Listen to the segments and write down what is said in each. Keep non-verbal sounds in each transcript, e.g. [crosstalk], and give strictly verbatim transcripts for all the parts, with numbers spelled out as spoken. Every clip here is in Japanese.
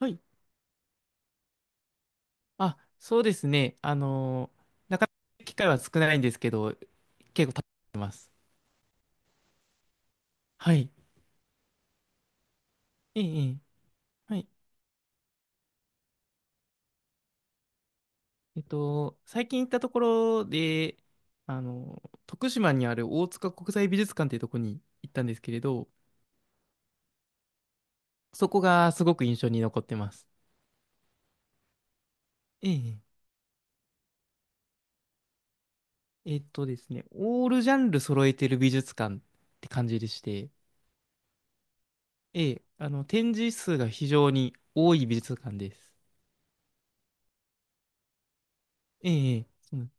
はい。あ、そうですね。あのなかなか機会は少ないんですけど、結構食べてます。はい。ええ、ええ、はい。えっと、最近行ったところで、あの徳島にある大塚国際美術館っていうところに行ったんですけれど、そこがすごく印象に残ってます。ええ、ええ、えっとですね、オールジャンル揃えてる美術館って感じでして、ええ、あの、展示数が非常に多い美術館です。ええ、ええ、そうなん、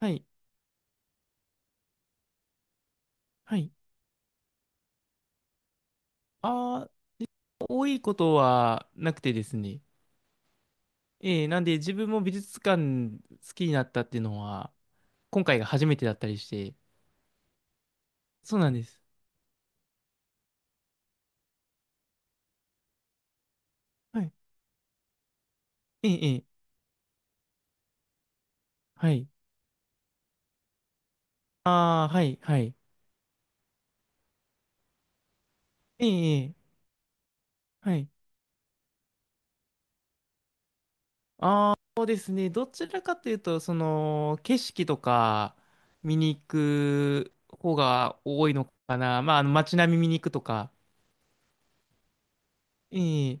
はい。はい。あ、多いことはなくてですね。ええ、なんで自分も美術館好きになったっていうのは、今回が初めてだったりして。そうなんです。はい。ええ、ええ、はい。ああ、はい、はい。ええ、ええ、はい。ああ、そうですね。どちらかというと、その、景色とか見に行く方が多いのかな。まあ、あの街並み見に行くとか。ええ、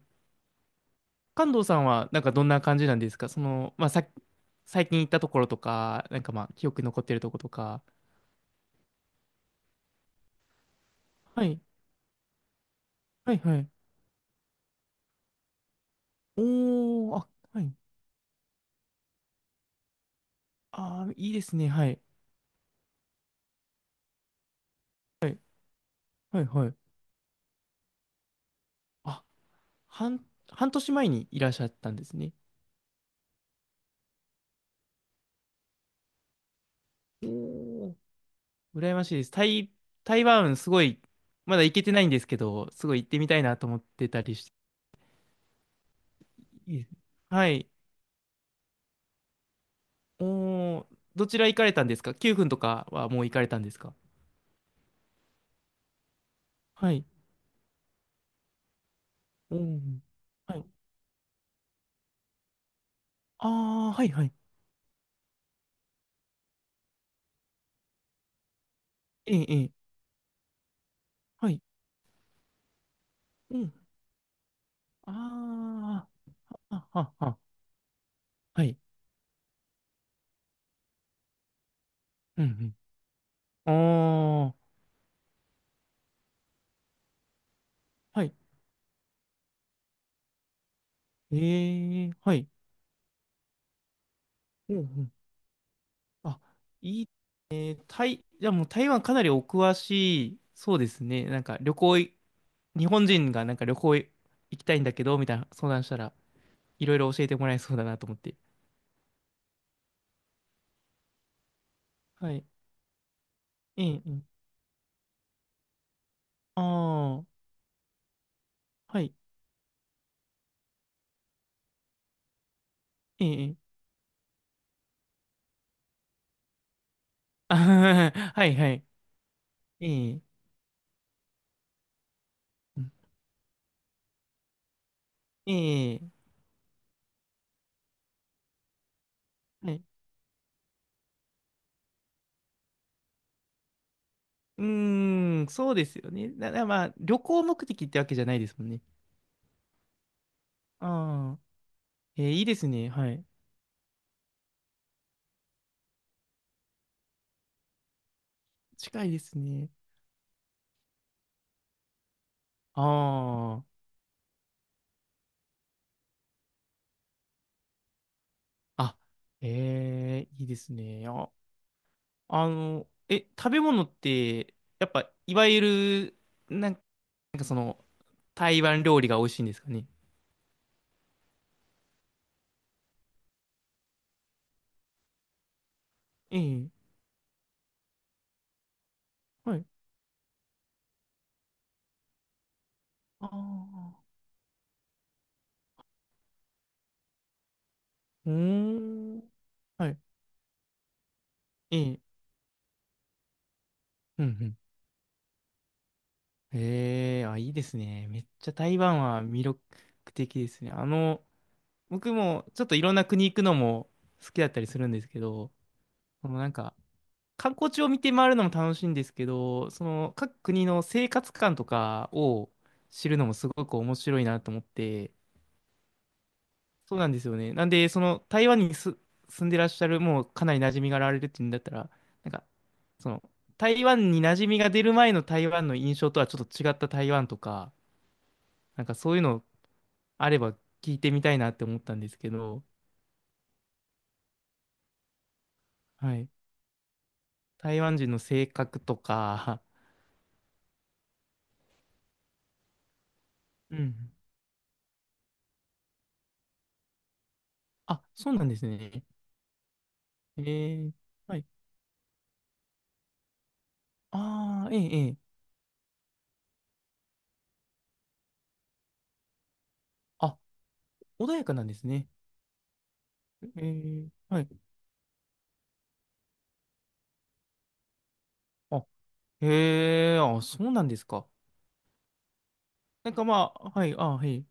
関東さんはなんかどんな感じなんですか、その、まあ、さ、最近行ったところとか、なんかまあ記憶に残ってるとことか。はい、はい、はい。おー、あ、はい。あー、いいですね。はい、はい、はい、はい。あ、半、半年前にいらっしゃったんですね。おー、羨ましいです。台、台湾すごい、まだ行けてないんですけど、すごい行ってみたいなと思ってたりして。いいですね、はい。おー、どちら行かれたんですか？ きゅうふん 分とかはもう行かれたんですか？はい。おー。はい、ああ、はい、はい。ええ、ええ、はい。うん。ああ、あ、あ、あ、はい。うん、うん。ああ、はい。ええ、はい。うん、うん。あ、いいね。台、じゃあもう台湾かなりお詳しい、そうですね。なんか旅行い、日本人がなんか旅行い、行きたいんだけど、みたいな相談したら、いろいろ教えてもらえそうだなと思って。はい。ええ、ええ。ああ、はい。ええ、ええ。[laughs] あははは、はい、はい。ええ、うん、ええ、はい、うーん、そうですよね。だ、だ、まあ、旅行目的ってわけじゃないですもんね。ああ、えー、いいですね。はい。近いですね。ああ、あ、えー、いいですね。あ、あの、え、食べ物って、やっぱ、いわゆる、なんなんかその、台湾料理が美味しいんですかね。ええ、はい。ああ、うーん。はい。ええ、うんうん。ええ、あ、いいですね。めっちゃ台湾は魅力的ですね。あの、僕もちょっといろんな国行くのも好きだったりするんですけど、そのなんか観光地を見て回るのも楽しいんですけど、その各国の生活感とかを知るのもすごく面白いなと思って、そうなんですよね。なんで、その台湾にす、住んでらっしゃる、もうかなり馴染みがあられるっていうんだったら、なんか、その台湾に馴染みが出る前の台湾の印象とはちょっと違った台湾とか、なんかそういうのあれば聞いてみたいなって思ったんですけど、はい。台湾人の性格とか、うん。あ、そうなんですね。えー、はい。ああ、ええ、ええ。あ、穏やかなんですね。えー、はい。あ、へえ、あ、そうなんですか。なんかまあ、はい、あ、はい。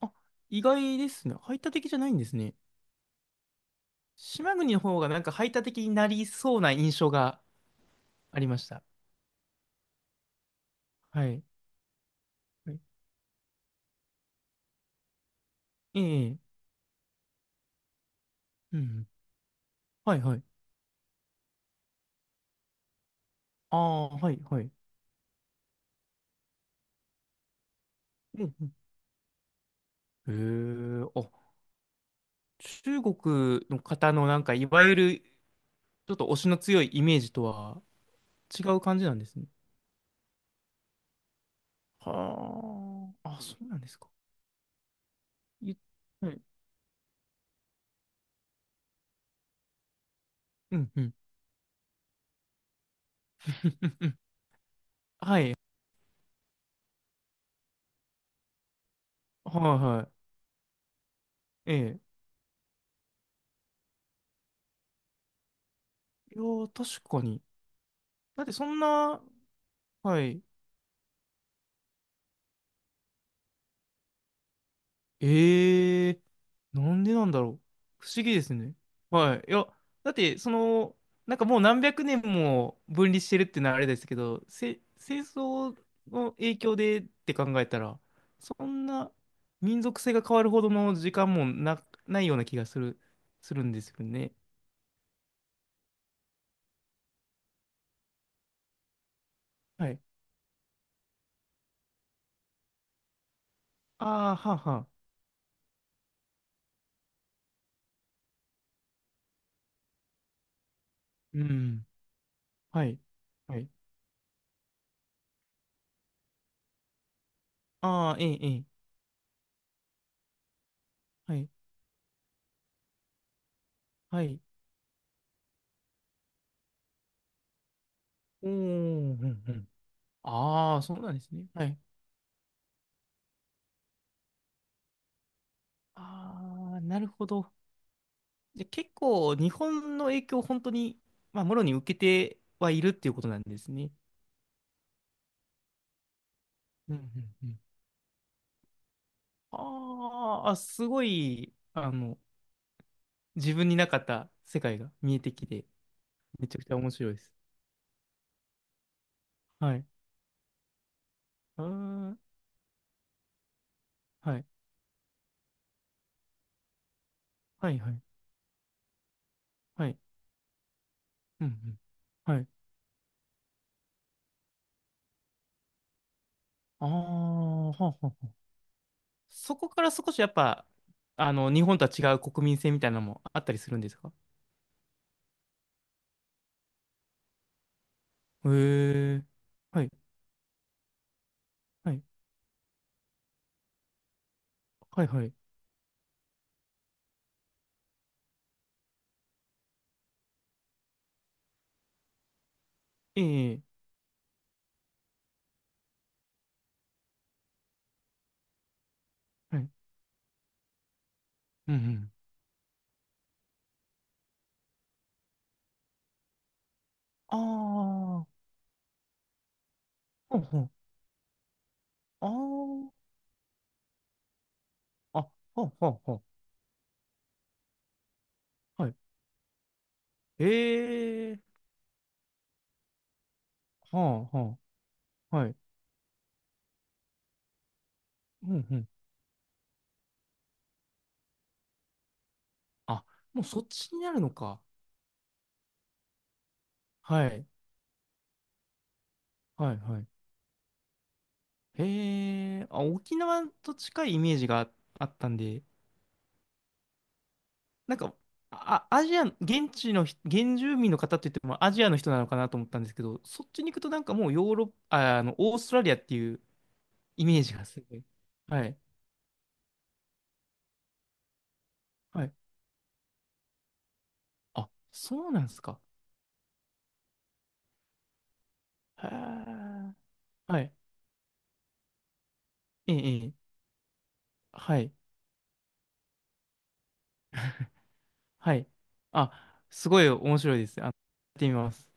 あ、意外ですね。排他的じゃないんですね。島国の方がなんか排他的になりそうな印象がありました。はい。はい、ええ、うん。はい、はい。ああ、はい、はい。うん、うん。へえ、あ、中国の方のなんか、いわゆるちょっと推しの強いイメージとは違う感じなんですね。はあ、あ、そうなんですか。い、はい。うん、うん、うんうん。 [laughs] はい、はい。ええ。いやー、確かに。だってそんな、はい。ええ、なんでなんだろう。不思議ですね。はい。いや、だって、その、なんかもう何百年も分離してるっていうのはあれですけど、せ、戦争の影響でって考えたら、そんな民族性が変わるほどの時間もな、ないような気がする、するんですよね。はい。ああ、はあ、はあ。うん。はい。はい。ああ、ええ、ええ。はい。はい。おー、うん、うん。ああ、そうなんですね。はい。ああ、なるほど。じゃあ結構日本の影響を本当に、まあ、もろに受けてはいるっていうことなんですね。うんうんうん。あーあ、すごい、あの、自分になかった世界が見えてきて、めちゃくちゃ面白いです。はい。うーん。はい。はい、はい、はい。うん、うん。はい。ああ、はあはあはあ、そこから少しやっぱ、あの、日本とは違う国民性みたいなのもあったりするんですか？へえ。はい、はい、はい、はい。ええ、はい。うん、うん。ああ、ほんほん。ああ、あ、ほんほんほん。はい。ええ、はあ、はあ、はい。うんうん。あ、もうそっちになるのか。はい、はい、はい。へえ、あ、沖縄と近いイメージがああったんで、なんか、あ、アジア、現地の人、現住民の方って言ってもアジアの人なのかなと思ったんですけど、そっちに行くとなんかもうヨーロッパ、あ、あの、オーストラリアっていうイメージがすごい。はい、はい。あ、そうなんですか。へえ。はい、ええ、ええ、はい、はい。あ、すごい面白いです。あの、やってみます。